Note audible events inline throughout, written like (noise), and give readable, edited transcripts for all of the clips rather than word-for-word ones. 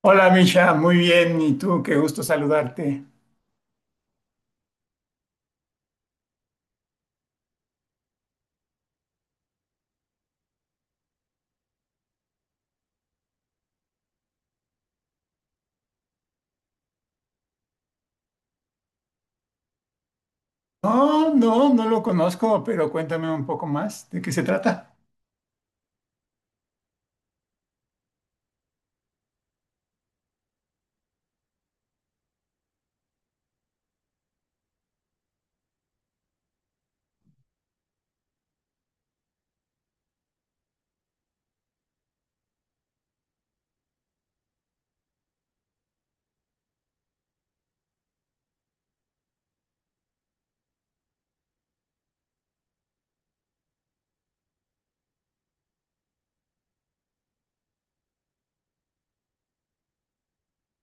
Hola Misha, muy bien. ¿Y tú? Qué gusto saludarte. No, lo conozco, pero cuéntame un poco más de qué se trata.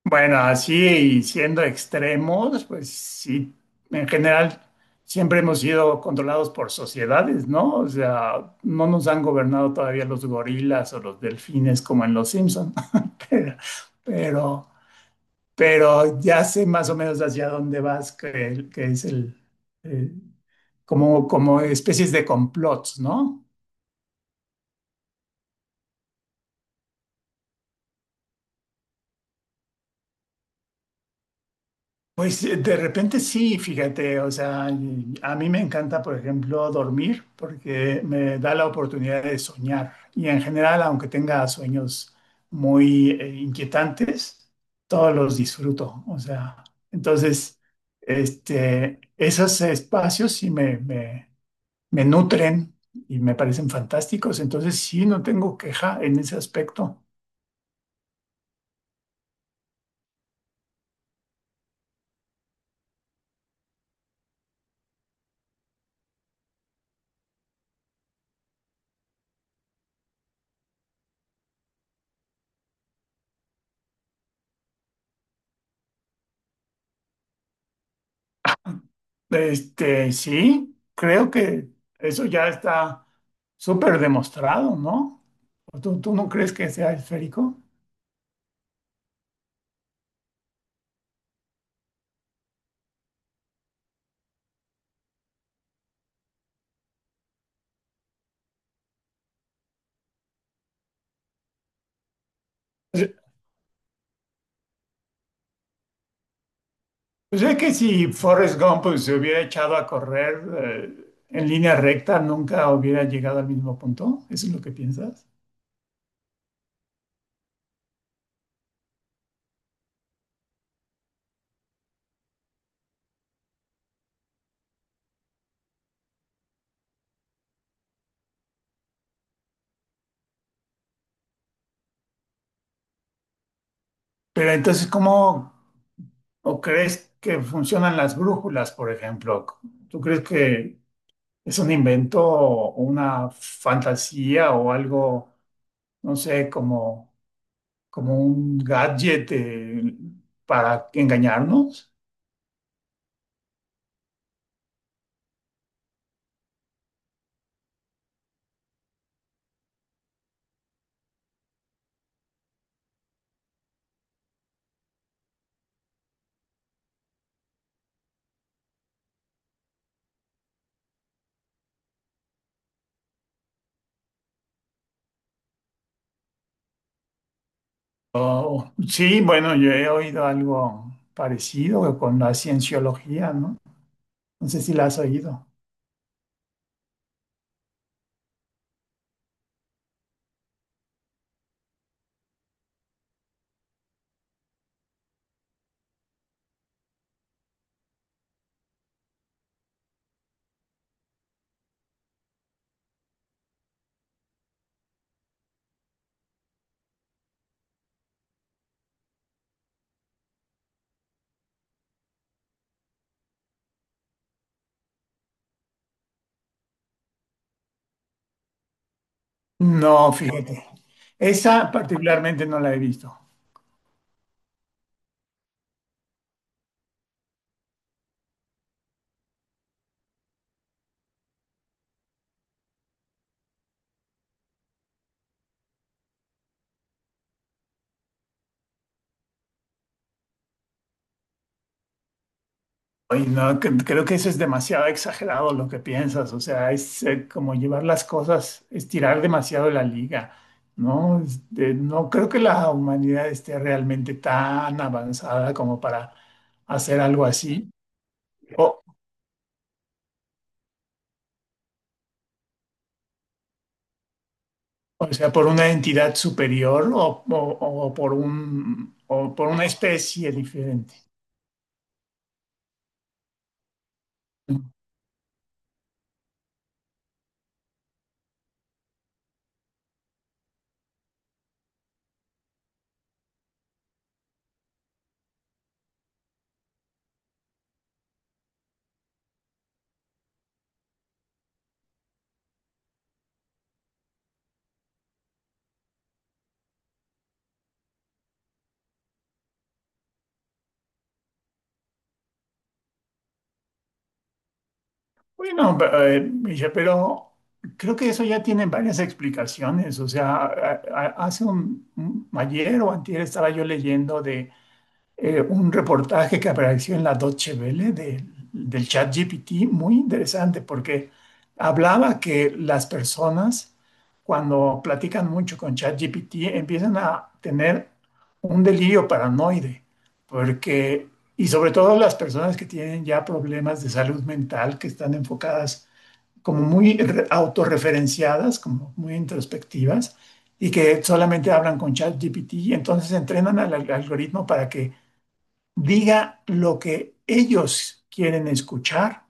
Bueno, así siendo extremos, pues sí, en general siempre hemos sido controlados por sociedades, ¿no? O sea, no nos han gobernado todavía los gorilas o los delfines como en Los Simpson, (laughs) pero, pero, pero ya sé más o menos hacia dónde vas, que es eh, como, como especies de complots, ¿no? Pues de repente sí, fíjate, o sea, y a mí me encanta, por ejemplo, dormir porque me da la oportunidad de soñar. Y en general, aunque tenga sueños muy inquietantes, todos los disfruto. O sea, entonces, esos espacios sí me nutren y me parecen fantásticos. Entonces sí, no tengo queja en ese aspecto. Este, sí, creo que eso ya está súper demostrado, ¿no? ¿Tú no crees que sea esférico? Pues pues es que si Forrest Gump pues, se hubiera echado a correr en línea recta, nunca hubiera llegado al mismo punto. ¿Eso es lo que piensas? Pero entonces, ¿cómo o crees que funcionan las brújulas, por ejemplo? ¿Tú crees que es un invento o una fantasía o algo, no sé, como como un gadget para engañarnos. Sí, bueno, yo he oído algo parecido con la cienciología, ¿no? No sé si la has oído. No, fíjate. Esa particularmente no la he visto. Ay, no, creo que eso es demasiado exagerado lo que piensas, o sea, es como llevar las cosas, estirar demasiado la liga, ¿no? Este, no creo que la humanidad esté realmente tan avanzada como para hacer algo así, o, o sea, por una entidad superior o por un, o por una especie diferente. Bueno, a Misha, pero creo que eso ya tiene varias explicaciones. O sea, hace ayer o antier estaba yo leyendo de un reportaje que apareció en la Deutsche Welle del ChatGPT, muy interesante, porque hablaba que las personas, cuando platican mucho con ChatGPT, empiezan a tener un delirio paranoide, porque, y sobre todo las personas que tienen ya problemas de salud mental, que están enfocadas como muy autorreferenciadas, como muy introspectivas, y que solamente hablan con ChatGPT, y entonces entrenan al algoritmo para que diga lo que ellos quieren escuchar.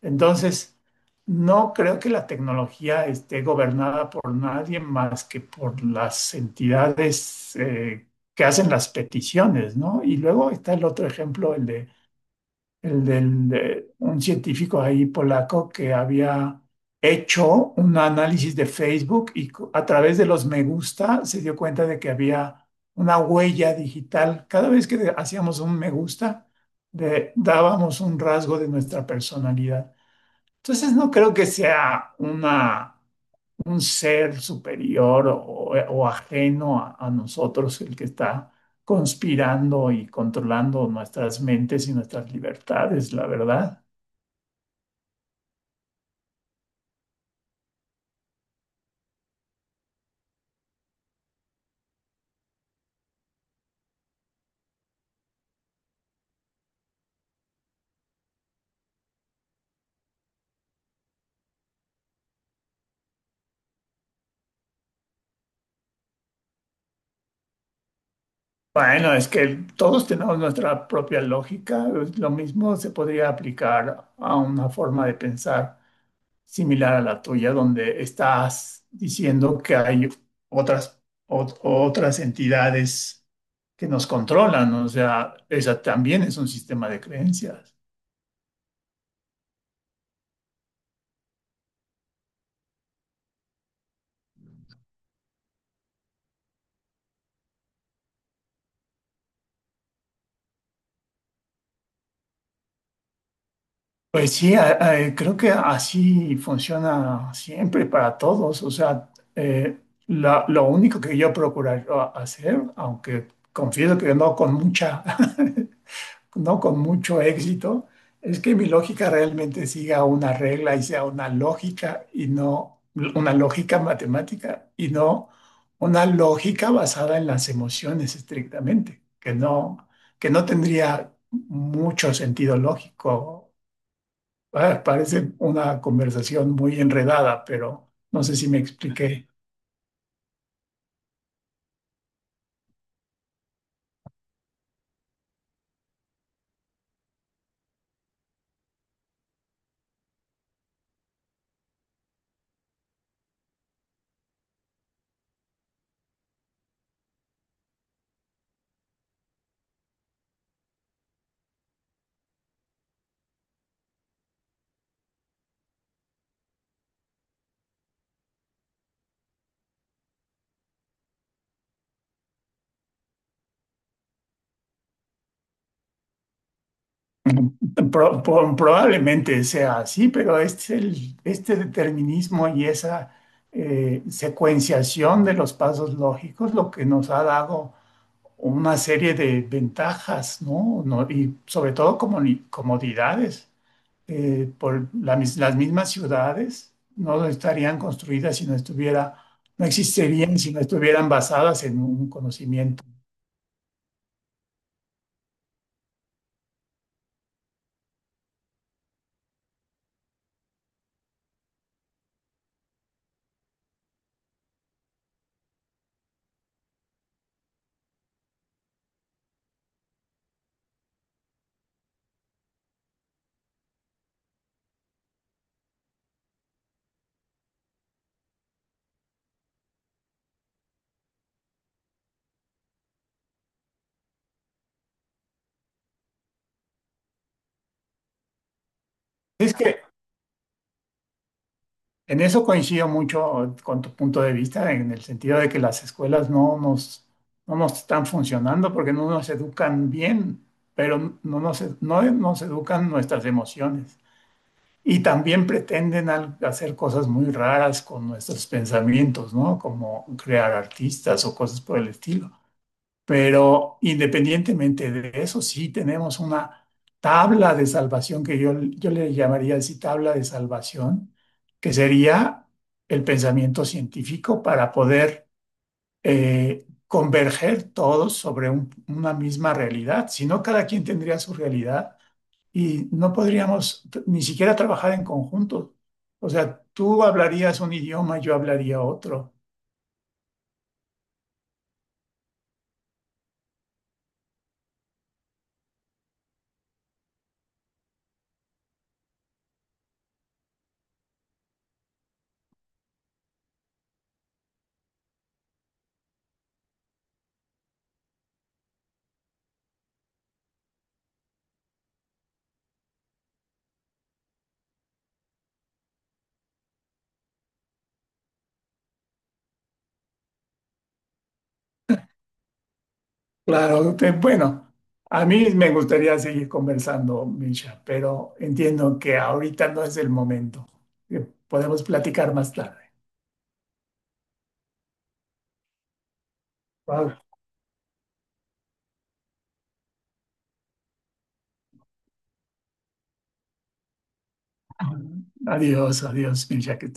Entonces, no creo que la tecnología esté gobernada por nadie más que por las entidades que hacen las peticiones, ¿no? Y luego está el otro ejemplo, el de el del, de un científico ahí polaco que había hecho un análisis de Facebook y a través de los me gusta se dio cuenta de que había una huella digital. Cada vez que hacíamos un me gusta, dábamos un rasgo de nuestra personalidad. Entonces no creo que sea una un ser superior o ajeno a nosotros el que está conspirando y controlando nuestras mentes y nuestras libertades, la verdad. Bueno, es que todos tenemos nuestra propia lógica. Lo mismo se podría aplicar a una forma de pensar similar a la tuya, donde estás diciendo que hay otras, otras entidades que nos controlan. O sea, esa también es un sistema de creencias. Pues sí, creo que así funciona siempre para todos. O sea, eh, lo único que yo procuraría hacer, aunque confieso que no con mucha, (laughs) no con mucho éxito, es que mi lógica realmente siga una regla y sea una lógica y no una lógica matemática y no una lógica basada en las emociones estrictamente, que no tendría mucho sentido lógico. Ah, parece una conversación muy enredada, pero no sé si me expliqué. (laughs) Probablemente sea así, pero este, este determinismo y esa secuenciación de los pasos lógicos lo que nos ha dado una serie de ventajas, ¿no? Y sobre todo comodidades. Por la las mismas ciudades no estarían construidas si no estuviera, no existirían si no estuvieran basadas en un conocimiento. Es que en eso coincido mucho con tu punto de vista, en el sentido de que las escuelas no nos están funcionando porque no nos educan bien, pero no nos educan nuestras emociones. Y también pretenden hacer cosas muy raras con nuestros pensamientos, ¿no? Como crear artistas o cosas por el estilo. Pero independientemente de eso, sí tenemos una tabla de salvación que yo le llamaría así tabla de salvación, que sería el pensamiento científico para poder converger todos sobre una misma realidad. Si no, cada quien tendría su realidad y no podríamos ni siquiera trabajar en conjunto. O sea, tú hablarías un idioma, yo hablaría otro. Claro, bueno, a mí me gustaría seguir conversando, Misha, pero entiendo que ahorita no es el momento. Podemos platicar más tarde. Vale. Adiós, adiós, Misha, que estés